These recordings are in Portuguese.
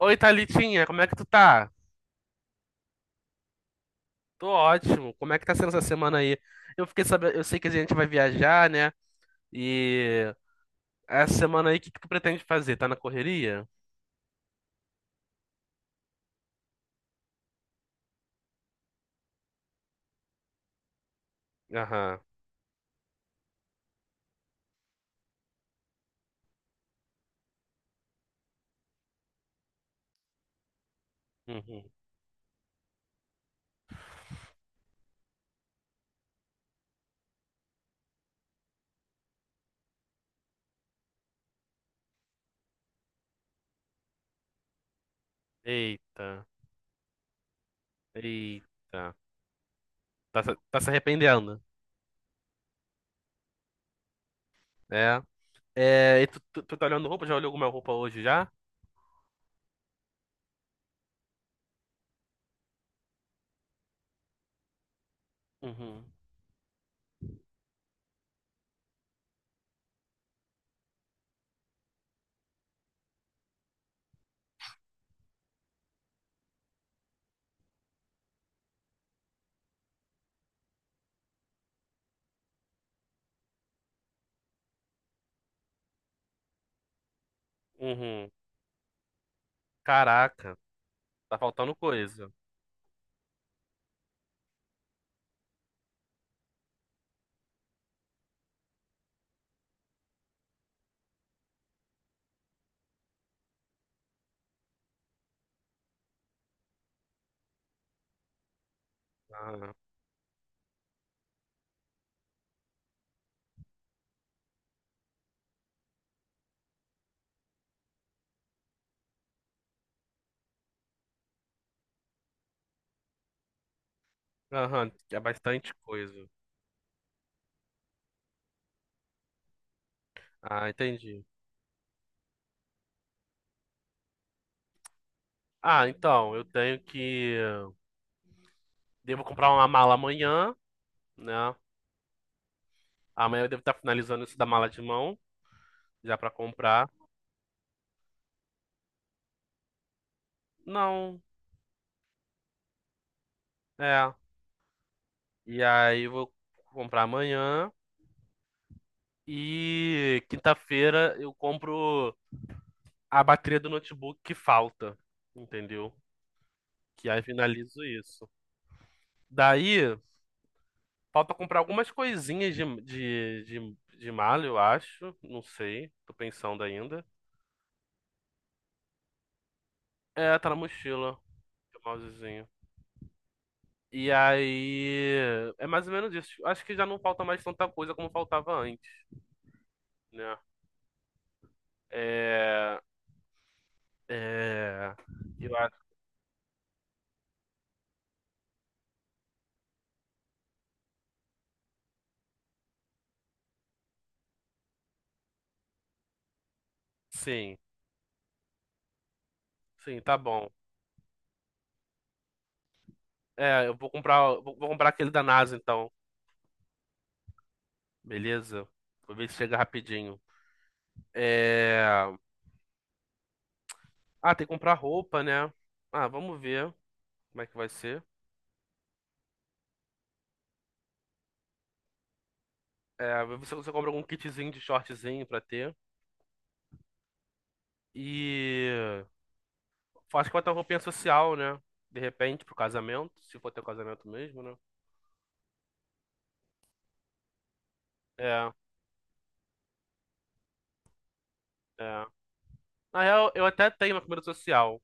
Oi, Thalitinha, como é que tu tá? Tô ótimo. Como é que tá sendo essa semana aí? Eu fiquei sabendo, eu sei que a gente vai viajar, né? E essa semana aí, o que que tu pretende fazer? Tá na correria? Aham. Uhum. Eita, eita. Tá, tá se arrependendo, né? É, e tu tá olhando roupa? Já olhou alguma roupa hoje já? Uhum. Uhum. Caraca, tá faltando coisa. Aham. Aham, é bastante coisa. Ah, entendi. Ah, então, eu tenho que. Devo comprar uma mala amanhã, né? Amanhã eu devo estar finalizando isso da mala de mão, já pra comprar. Não, é. E aí eu vou comprar amanhã e quinta-feira eu compro a bateria do notebook que falta, entendeu? Que aí finalizo isso. Daí falta comprar algumas coisinhas de mala, eu acho. Não sei, tô pensando ainda. É, tá na mochila, o mousezinho. E aí, é mais ou menos isso. Tipo, acho que já não falta mais tanta coisa como faltava antes, né? É, é, eu acho, sim, sim, tá bom. É, eu vou comprar, vou comprar aquele da NASA então, beleza? Vou ver se chega rapidinho. É, ah, tem que comprar roupa, né? Ah, vamos ver como é que vai ser. É, vou ver se você compra algum kitzinho de shortzinho pra ter. E acho que vai ter uma roupinha social, né? De repente, pro casamento, se for teu casamento mesmo, né? É, é. Na real, eu até tenho uma comida social.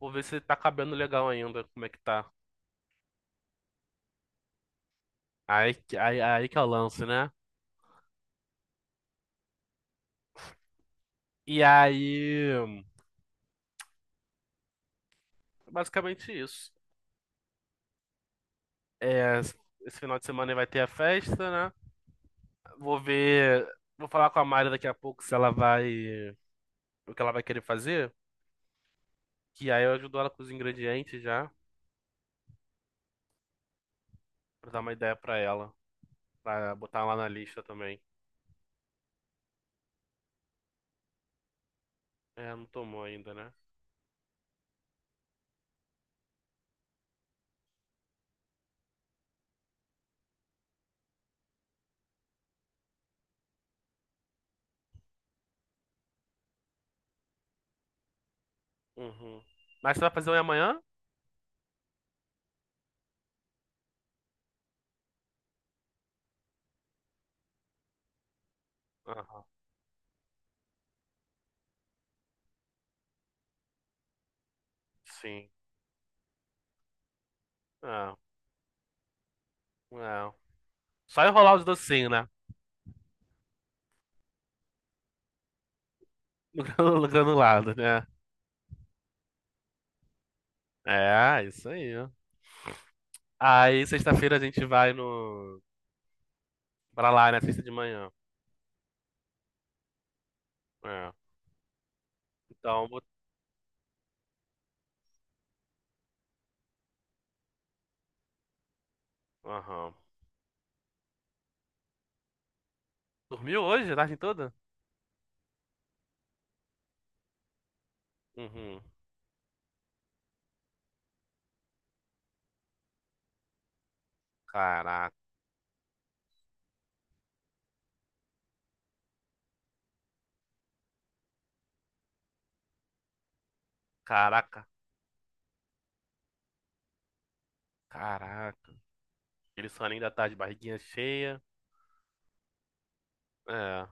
Vou ver se tá cabendo legal ainda, como é que tá. Aí, aí, aí que é o lance, né? E aí, basicamente isso. É, esse final de semana aí vai ter a festa, né? Vou ver, vou falar com a Mari daqui a pouco se ela vai, o que ela vai querer fazer, que aí eu ajudo ela com os ingredientes já, pra dar uma ideia pra ela, pra botar lá na lista também. É, não tomou ainda, né? Uhum. Mas você vai fazer um amanhã? Aham. Sim. É. Não. Só enrolar os docinhos, né? No granulado, né? É, isso aí. Ó. Aí, sexta-feira a gente vai no... pra lá, né? Sexta de manhã. É. Então, aham. Dormiu hoje, a tarde toda? Uhum. Caraca. Caraca. Caraca. Aquele soninho da tarde, barriguinha cheia. É.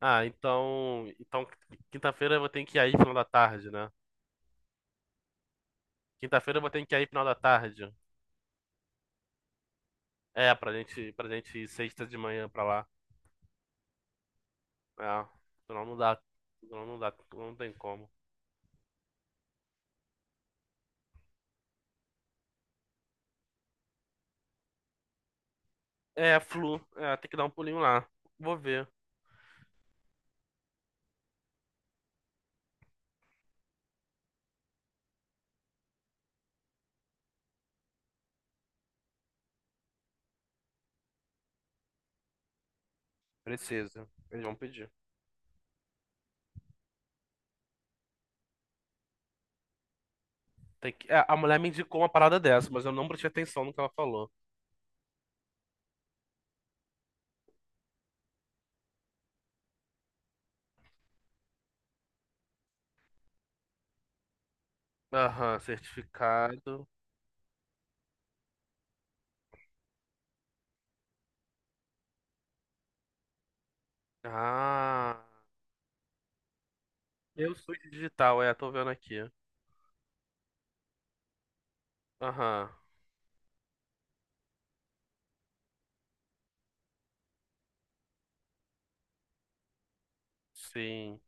Ah, então... então, quinta-feira eu vou ter que ir aí final da tarde, né? Quinta-feira eu vou ter que ir aí final da tarde. É, pra gente ir sexta de manhã pra lá. Ah, não, não dá. Não, não dá. Não tem como. É, flu. É, tem que dar um pulinho lá. Vou ver. Precisa. Eles vão pedir. Tem que... é, a mulher me indicou uma parada dessa, mas eu não prestei atenção no que ela falou. Aham, certificado. Ah, eu sou digital, é, tô vendo aqui. Aham, sim.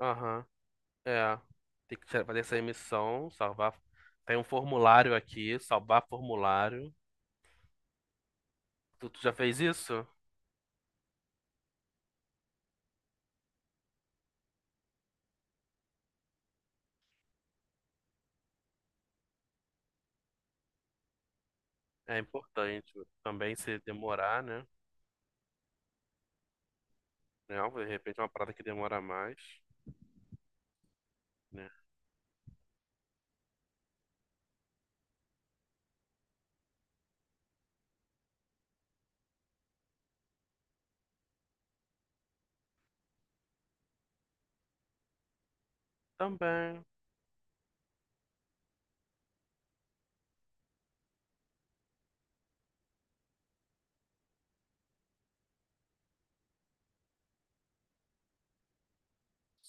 Aham, é. Fazer essa emissão, salvar. Tem um formulário aqui, salvar formulário. Tu já fez isso? É importante. Também se demorar, né? Não, de repente é uma parada que demora mais, né? Também,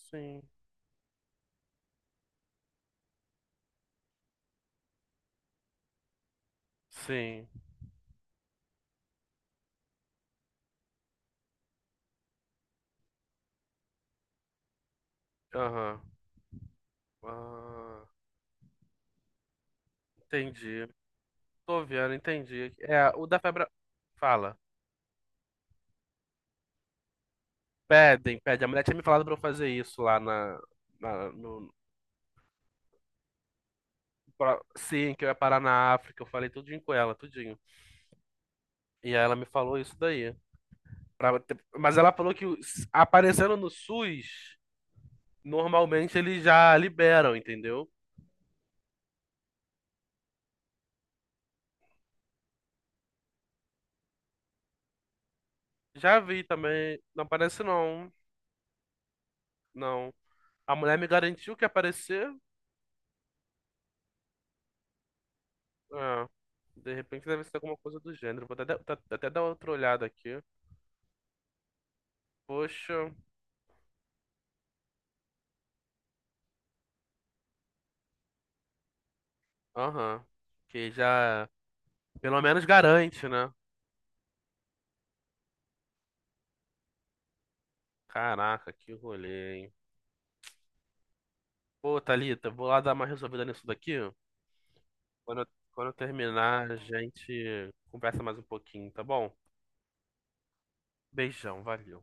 sim. Sim, aham. Ah, entendi. Tô vendo, entendi. É, o da febre. Fala. Pedem, pedem. A mulher tinha me falado pra eu fazer isso lá na. No, sim, que eu ia parar na África. Eu falei tudinho com ela, tudinho. E aí ela me falou isso daí. Mas ela falou que aparecendo no SUS, normalmente eles já liberam, entendeu? Já vi também. Não aparece não. Não. A mulher me garantiu que ia aparecer. Ah, de repente deve ser alguma coisa do gênero. Vou até dar outra olhada aqui. Poxa. Aham. Que já. Pelo menos garante, né? Caraca, que rolê, hein? Pô, Thalita, vou lá dar uma resolvida nisso daqui. Quando eu, quando eu terminar, a gente conversa mais um pouquinho, tá bom? Beijão, valeu.